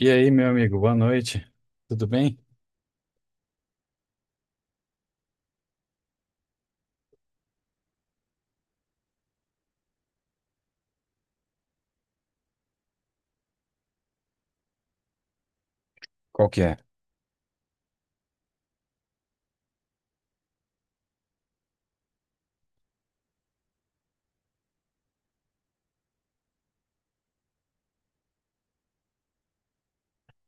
E aí, meu amigo, boa noite. Tudo bem? Qual que é?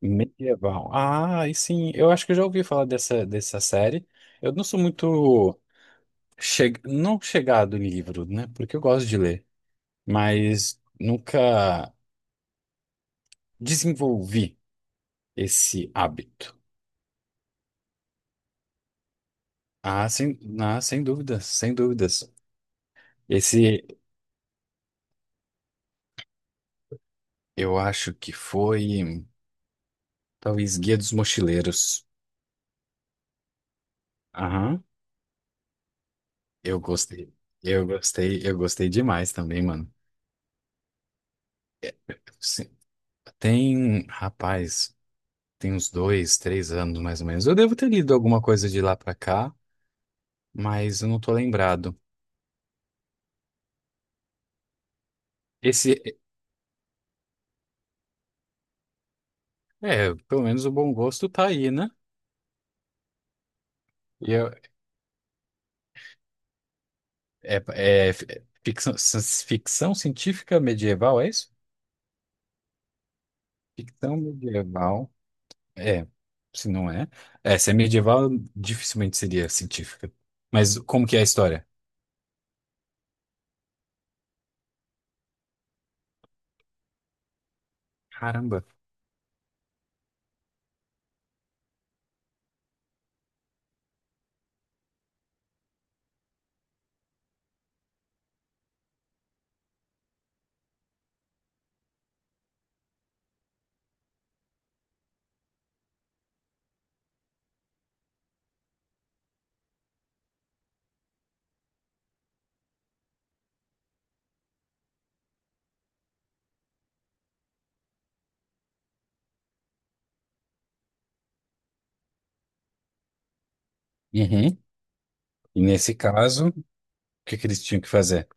Medieval. Ah, e sim, eu acho que eu já ouvi falar dessa série. Eu não sou muito não chegado em livro, né? Porque eu gosto de ler, mas nunca desenvolvi esse hábito. Sem dúvidas, sem dúvidas. Esse eu acho que foi talvez Guia dos Mochileiros. Aham, eu gostei. Eu gostei demais também, mano. Tem, rapaz, tem uns 2, 3 anos mais ou menos. Eu devo ter lido alguma coisa de lá pra cá, mas eu não tô lembrado. Esse, é, pelo menos o bom gosto tá aí, né? E eu- é ficção, ficção científica medieval, é isso? Ficção medieval, é, se não é. É, se é medieval, dificilmente seria científica. Mas como que é a história? Caramba. Uhum. E nesse caso, o que que eles tinham que fazer?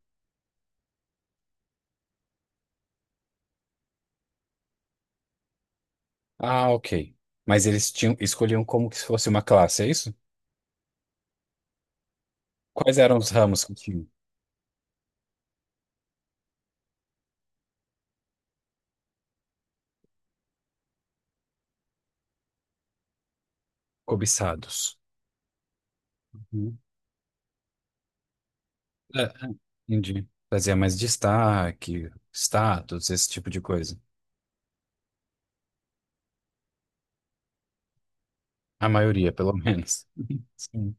Ah, ok. Mas eles tinham, escolhiam como que se fosse uma classe, é isso? Quais eram os ramos que tinham cobiçados? Uhum. É, entendi. Fazia mais destaque, status, esse tipo de coisa. A maioria, pelo menos. Sim.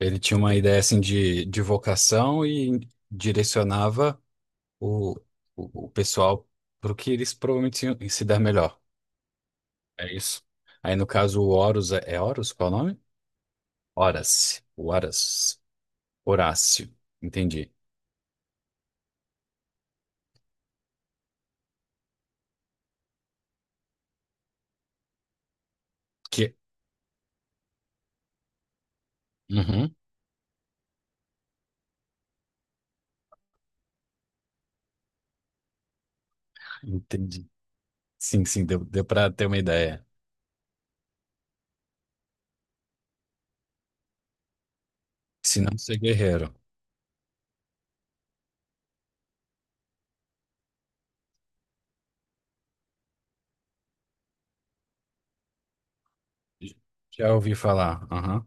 Ele tinha uma ideia assim de vocação e direcionava o, o pessoal para o que eles provavelmente iam se dar melhor. É isso. Aí no caso o Horus, é Horus? Qual é o nome? Horas. O Horas. Horácio, entendi. Que... Uhum, entendi. Sim, sim, deu para ter uma ideia. Se não ser guerreiro. Já ouvi falar. Aham.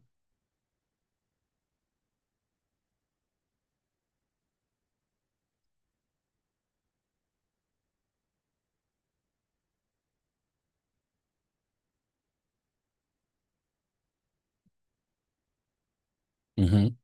Uhum.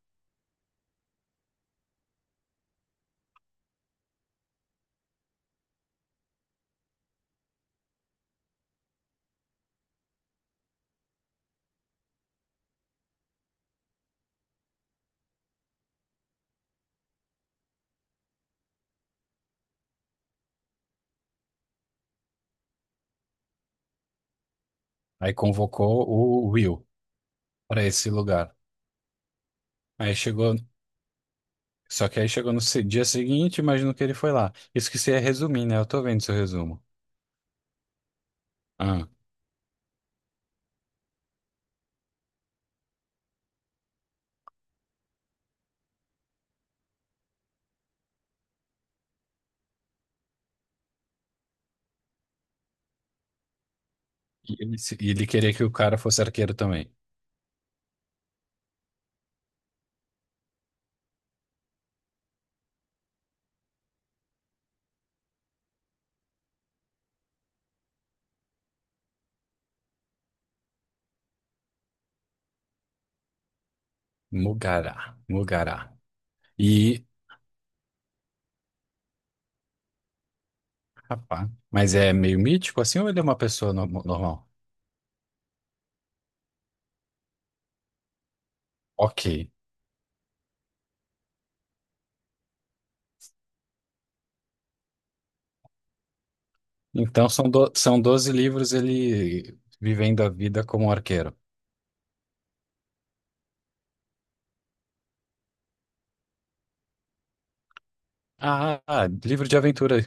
Aí convocou o Will para esse lugar. Aí chegou. Só que aí chegou no dia seguinte, imagino que ele foi lá. Isso que você ia resumir, né? Eu tô vendo seu resumo. Ah, e ele, se- e ele queria que o cara fosse arqueiro também. Mugará, Mugará. E, rapaz, mas é meio mítico assim ou ele é uma pessoa normal? Ok. Então são 12 livros ele vivendo a vida como arqueiro. Ah, livro de aventura.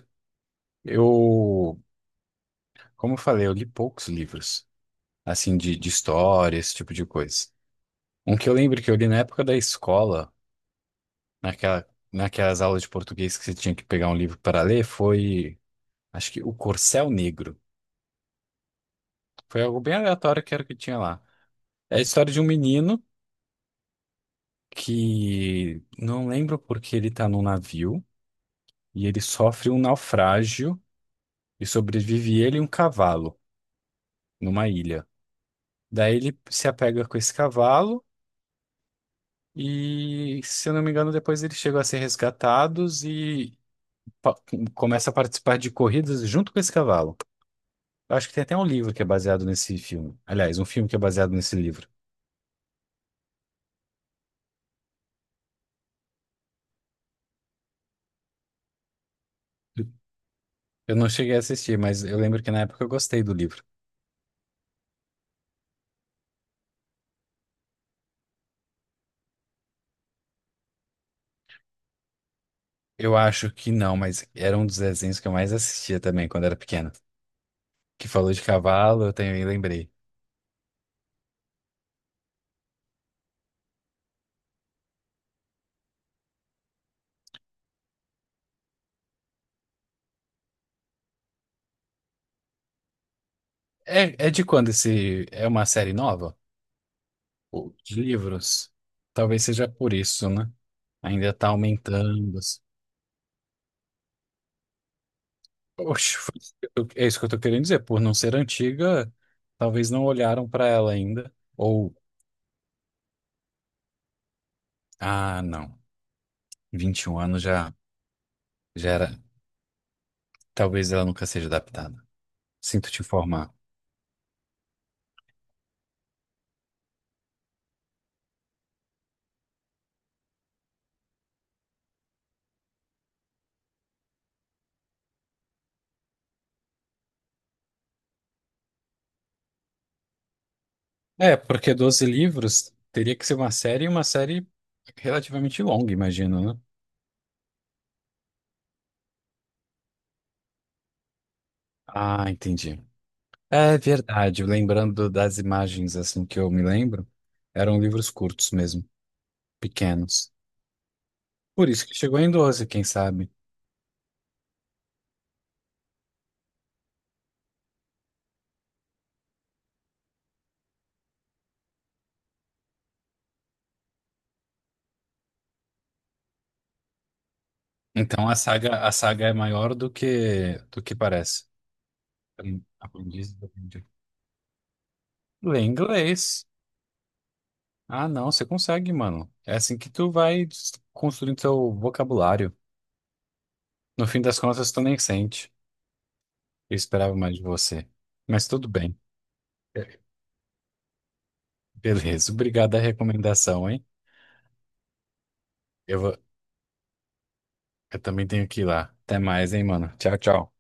Eu, como eu falei, eu li poucos livros, assim, de história, esse tipo de coisa. Um que eu lembro que eu li na época da escola, naquela, naquelas aulas de português que você tinha que pegar um livro para ler, foi, acho que O Corcel Negro. Foi algo bem aleatório que era o que tinha lá. É a história de um menino que não lembro porque ele tá num navio e ele sofre um naufrágio e sobrevive ele e um cavalo numa ilha. Daí ele se apega com esse cavalo e, se eu não me engano, depois eles chegam a ser resgatados e pa- começa a participar de corridas junto com esse cavalo. Eu acho que tem até um livro que é baseado nesse filme. Aliás, um filme que é baseado nesse livro. Eu não cheguei a assistir, mas eu lembro que na época eu gostei do livro. Eu acho que não, mas era um dos desenhos que eu mais assistia também quando era pequeno. Que falou de cavalo, eu também lembrei. É de quando esse. É uma série nova? Pô, de livros. Talvez seja por isso, né? Ainda está aumentando assim. Oxe, é isso que eu estou querendo dizer. Por não ser antiga, talvez não olharam para ela ainda. Ou, ah, não. 21 anos já, já era. Talvez ela nunca seja adaptada. Sinto te informar. É, porque 12 livros teria que ser uma série, e uma série relativamente longa, imagino, né? Ah, entendi. É verdade. Lembrando das imagens assim que eu me lembro, eram livros curtos mesmo, pequenos. Por isso que chegou em 12, quem sabe? Então a saga é maior do que parece. Aprendiz do aprendiz. Lê inglês. Ah, não, você consegue, mano. É assim que tu vai construindo seu vocabulário. No fim das contas, tu nem sente. Eu esperava mais de você. Mas tudo bem. É. Beleza, obrigado a recomendação, hein? Eu vou, eu também tenho que ir lá. Até mais, hein, mano. Tchau, tchau.